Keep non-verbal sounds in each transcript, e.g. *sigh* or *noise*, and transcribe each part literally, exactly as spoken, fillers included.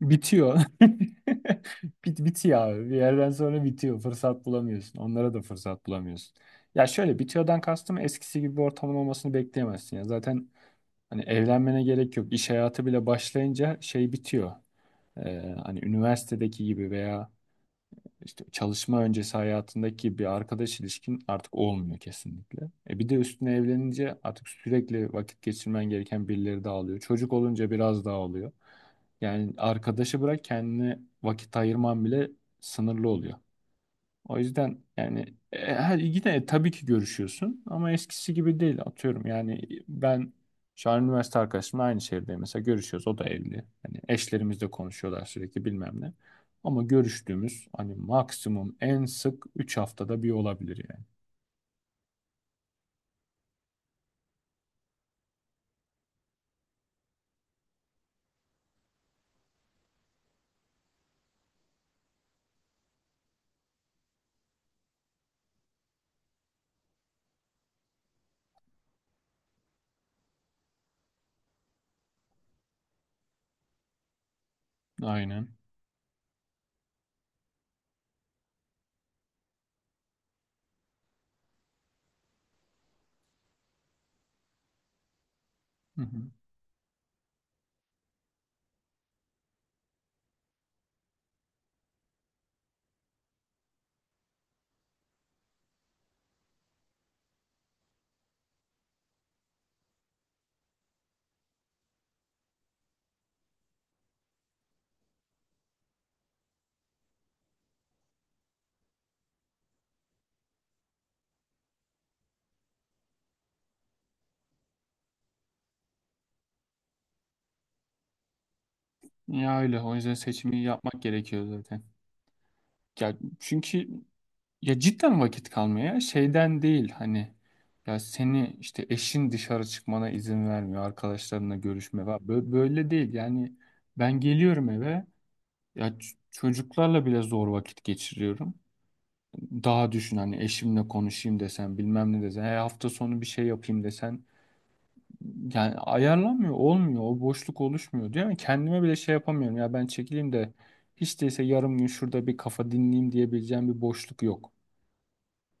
Bitiyor. *laughs* Bit, bitiyor abi. Bir yerden sonra bitiyor. Fırsat bulamıyorsun. Onlara da fırsat bulamıyorsun. Ya şöyle bitiyordan kastım eskisi gibi bir ortamın olmasını bekleyemezsin. Ya zaten hani evlenmene gerek yok. İş hayatı bile başlayınca şey bitiyor. Ee, hani üniversitedeki gibi veya işte çalışma öncesi hayatındaki bir arkadaş ilişkin artık olmuyor kesinlikle. E bir de üstüne evlenince artık sürekli vakit geçirmen gereken birileri de alıyor. Çocuk olunca biraz daha oluyor. Yani arkadaşı bırak kendine vakit ayırman bile sınırlı oluyor. O yüzden yani e, her yine tabii ki görüşüyorsun ama eskisi gibi değil atıyorum. Yani ben şu an üniversite arkadaşımla aynı şehirde mesela görüşüyoruz. O da evli. Hani eşlerimizle konuşuyorlar sürekli bilmem ne. Ama görüştüğümüz hani maksimum en sık üç haftada bir olabilir yani. Aynen. Hı hı. Ya öyle. O yüzden seçimi yapmak gerekiyor zaten. Ya çünkü ya cidden vakit kalmaya şeyden değil hani ya seni işte eşin dışarı çıkmana izin vermiyor arkadaşlarınla görüşme var. Bö- böyle değil yani ben geliyorum eve, ya ç- çocuklarla bile zor vakit geçiriyorum, daha düşün hani eşimle konuşayım desen bilmem ne desen, "He, hafta sonu bir şey yapayım" desen yani ayarlanmıyor, olmuyor, o boşluk oluşmuyor diyor ama kendime bile şey yapamıyorum, ya ben çekileyim de hiç değilse yarım gün şurada bir kafa dinleyeyim diyebileceğim bir boşluk yok.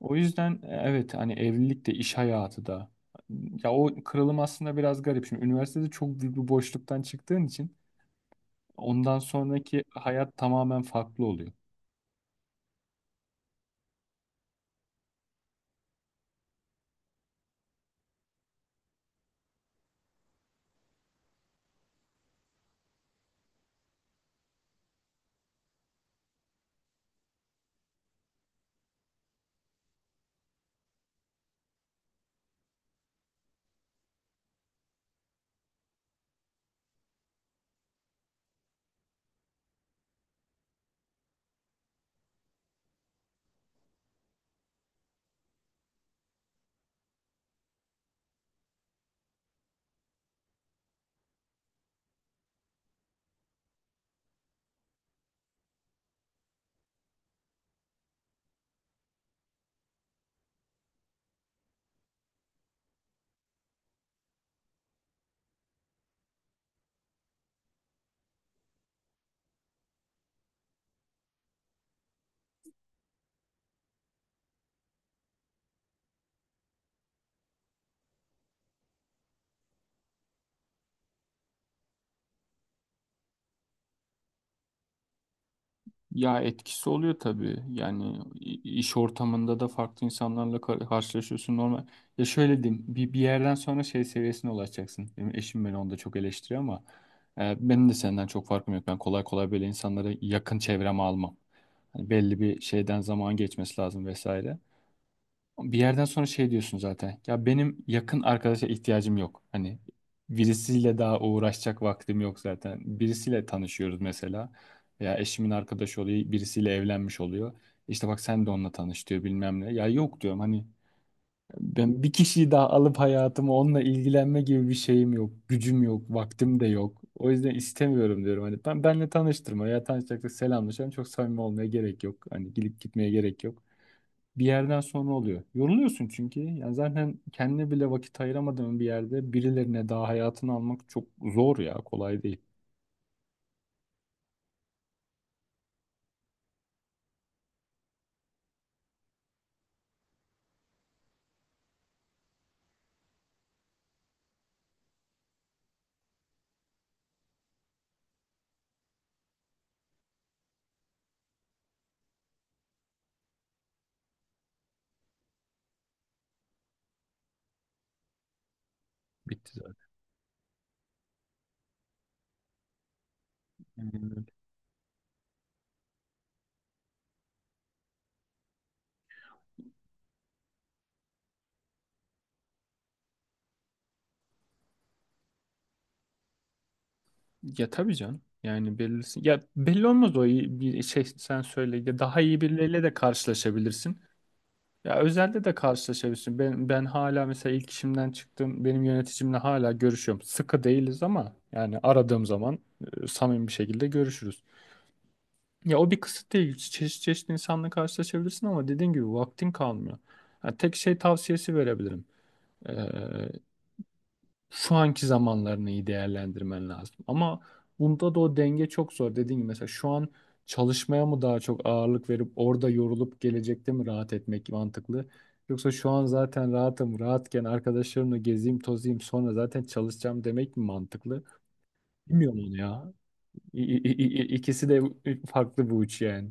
O yüzden e, evet, hani evlilik de iş hayatı da, ya o kırılım aslında biraz garip. Şimdi üniversitede çok büyük bir boşluktan çıktığın için ondan sonraki hayat tamamen farklı oluyor. Ya etkisi oluyor tabii. Yani i- iş ortamında da farklı insanlarla kar- karşılaşıyorsun normal. Ya şöyle diyeyim, bir, bir yerden sonra şey seviyesine ulaşacaksın. Benim eşim beni onda çok eleştiriyor ama e, benim de senden çok farkım yok. Ben kolay kolay böyle insanları yakın çevreme almam. Hani belli bir şeyden zaman geçmesi lazım vesaire. Bir yerden sonra şey diyorsun zaten. Ya benim yakın arkadaşa ihtiyacım yok. Hani birisiyle daha uğraşacak vaktim yok zaten. Birisiyle tanışıyoruz mesela. Ya eşimin arkadaşı oluyor, birisiyle evlenmiş oluyor. İşte bak sen de onunla tanış diyor bilmem ne. Ya yok diyorum hani ben bir kişiyi daha alıp hayatımı onunla ilgilenme gibi bir şeyim yok. Gücüm yok, vaktim de yok. O yüzden istemiyorum diyorum. Hani ben benle tanıştırma, ya tanışacaksak selamlaşalım. Çok samimi olmaya gerek yok. Hani gidip gitmeye gerek yok, bir yerden sonra oluyor. Yoruluyorsun çünkü. Yani zaten kendine bile vakit ayıramadığın bir yerde birilerine daha hayatını almak çok zor ya. Kolay değil. Bitti zaten. Aynen öyle. Ya tabii canım. Yani belirsin. Ya belli olmaz, o iyi bir şey, sen söyle. Ya daha iyi birileriyle de karşılaşabilirsin. Ya özelde de karşılaşabilirsin. Ben ben hala mesela ilk işimden çıktım. Benim yöneticimle hala görüşüyorum. Sıkı değiliz ama yani aradığım zaman e, samimi bir şekilde görüşürüz. Ya o bir kısıt değil. Çeşit çeşit insanla karşılaşabilirsin ama dediğin gibi vaktin kalmıyor. Ha, tek şey tavsiyesi verebilirim. Ee, Şu anki zamanlarını iyi değerlendirmen lazım. Ama bunda da o denge çok zor. Dediğim gibi mesela şu an çalışmaya mı daha çok ağırlık verip orada yorulup gelecekte mi rahat etmek mantıklı? Yoksa şu an zaten rahatım, rahatken arkadaşlarımla gezeyim, tozayım, sonra zaten çalışacağım demek mi mantıklı? Bilmiyorum onu ya. İ- i- i- i- İkisi de farklı bu uç yani.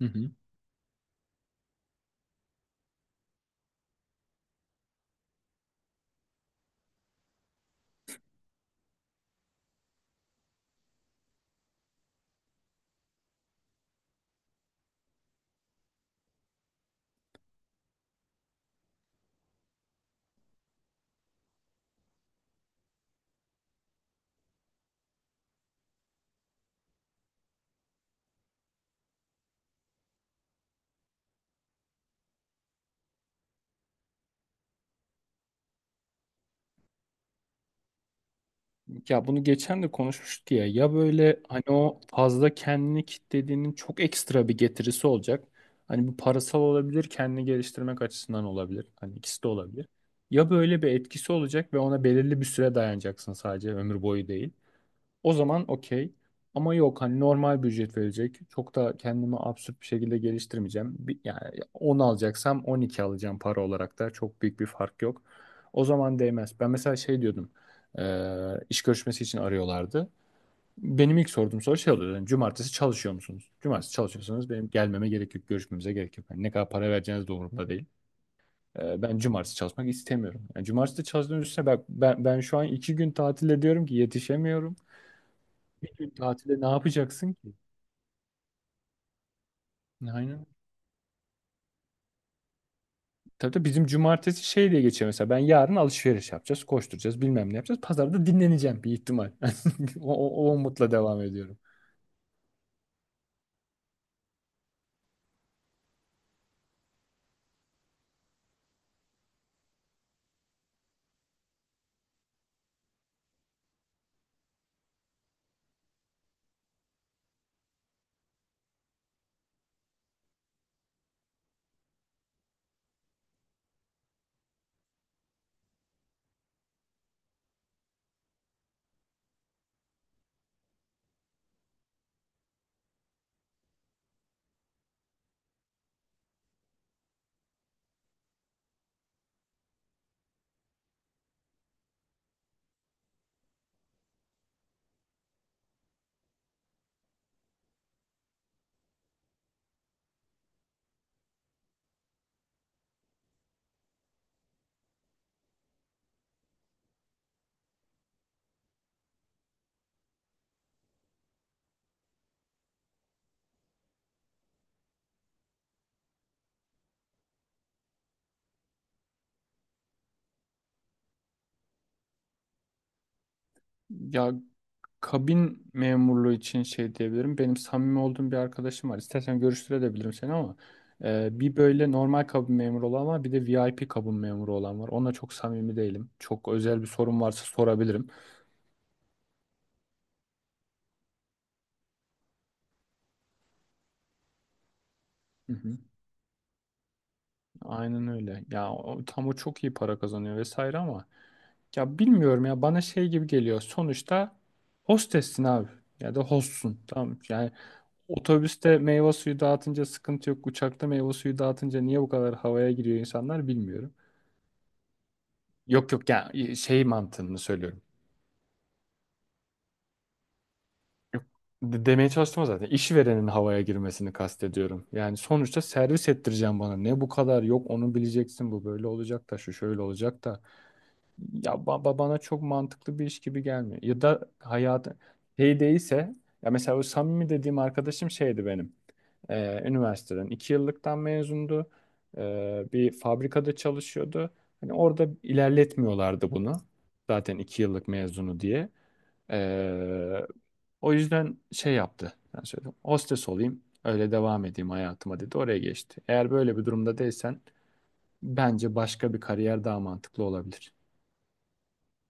Hı hı. Ya bunu geçen de konuşmuştuk ya. Ya böyle hani o fazla kendini kitlediğinin çok ekstra bir getirisi olacak. Hani bu parasal olabilir, kendini geliştirmek açısından olabilir. Hani ikisi de olabilir. Ya böyle bir etkisi olacak ve ona belirli bir süre dayanacaksın, sadece ömür boyu değil. O zaman okey. Ama yok hani normal bir ücret verecek. Çok da kendimi absürt bir şekilde geliştirmeyeceğim. Bir, yani on alacaksam on iki alacağım para olarak da. Çok büyük bir fark yok. O zaman değmez. Ben mesela şey diyordum. eee, iş görüşmesi için arıyorlardı. Benim ilk sorduğum soru şey oluyor yani, cumartesi çalışıyor musunuz? Cumartesi çalışıyorsanız benim gelmeme gerek yok. Görüşmemize gerek yok. Yani ne kadar para vereceğiniz de umurumda değil. Eee, ben cumartesi çalışmak istemiyorum. Yani cumartesi de çalıştığım üstüne ben, ben, ben şu an iki gün tatil ediyorum ki yetişemiyorum. Tatile ne yapacaksın ki? Aynen. Tabii tabii bizim cumartesi şey diye geçiyor mesela. Ben yarın alışveriş yapacağız, koşturacağız, bilmem ne yapacağız. Pazarda dinleneceğim bir ihtimal. *laughs* O, o, o umutla devam ediyorum. Ya kabin memurluğu için şey diyebilirim. Benim samimi olduğum bir arkadaşım var. İstersen görüştürebilirim seni ama e, bir böyle normal kabin memuru olan var, bir de V I P kabin memuru olan var. Ona çok samimi değilim. Çok özel bir sorun varsa sorabilirim. Hı hı. Aynen öyle. Ya o, tam o çok iyi para kazanıyor vesaire ama ya bilmiyorum ya, bana şey gibi geliyor. Sonuçta hostessin abi ya da hostsun, tamam. Yani otobüste meyve suyu dağıtınca sıkıntı yok. Uçakta meyve suyu dağıtınca niye bu kadar havaya giriyor insanlar bilmiyorum. Yok yok, yani şey mantığını söylüyorum. Yok, de- demeye çalıştım zaten. İşverenin havaya girmesini kastediyorum. Yani sonuçta servis ettireceğim bana. Ne bu kadar yok onu bileceksin bu böyle olacak da şu şöyle olacak da. Ya ba- ba- bana çok mantıklı bir iş gibi gelmiyor. Ya da hayatı şey değilse, ya mesela o samimi dediğim arkadaşım şeydi benim. Ee, üniversiteden iki yıllıktan mezundu. Ee, bir fabrikada çalışıyordu. Hani orada ilerletmiyorlardı bunu. Zaten iki yıllık mezunu diye. Ee, O yüzden şey yaptı. Ben söyledim. Hostes olayım. Öyle devam edeyim hayatıma dedi. Oraya geçti. Eğer böyle bir durumda değilsen bence başka bir kariyer daha mantıklı olabilir.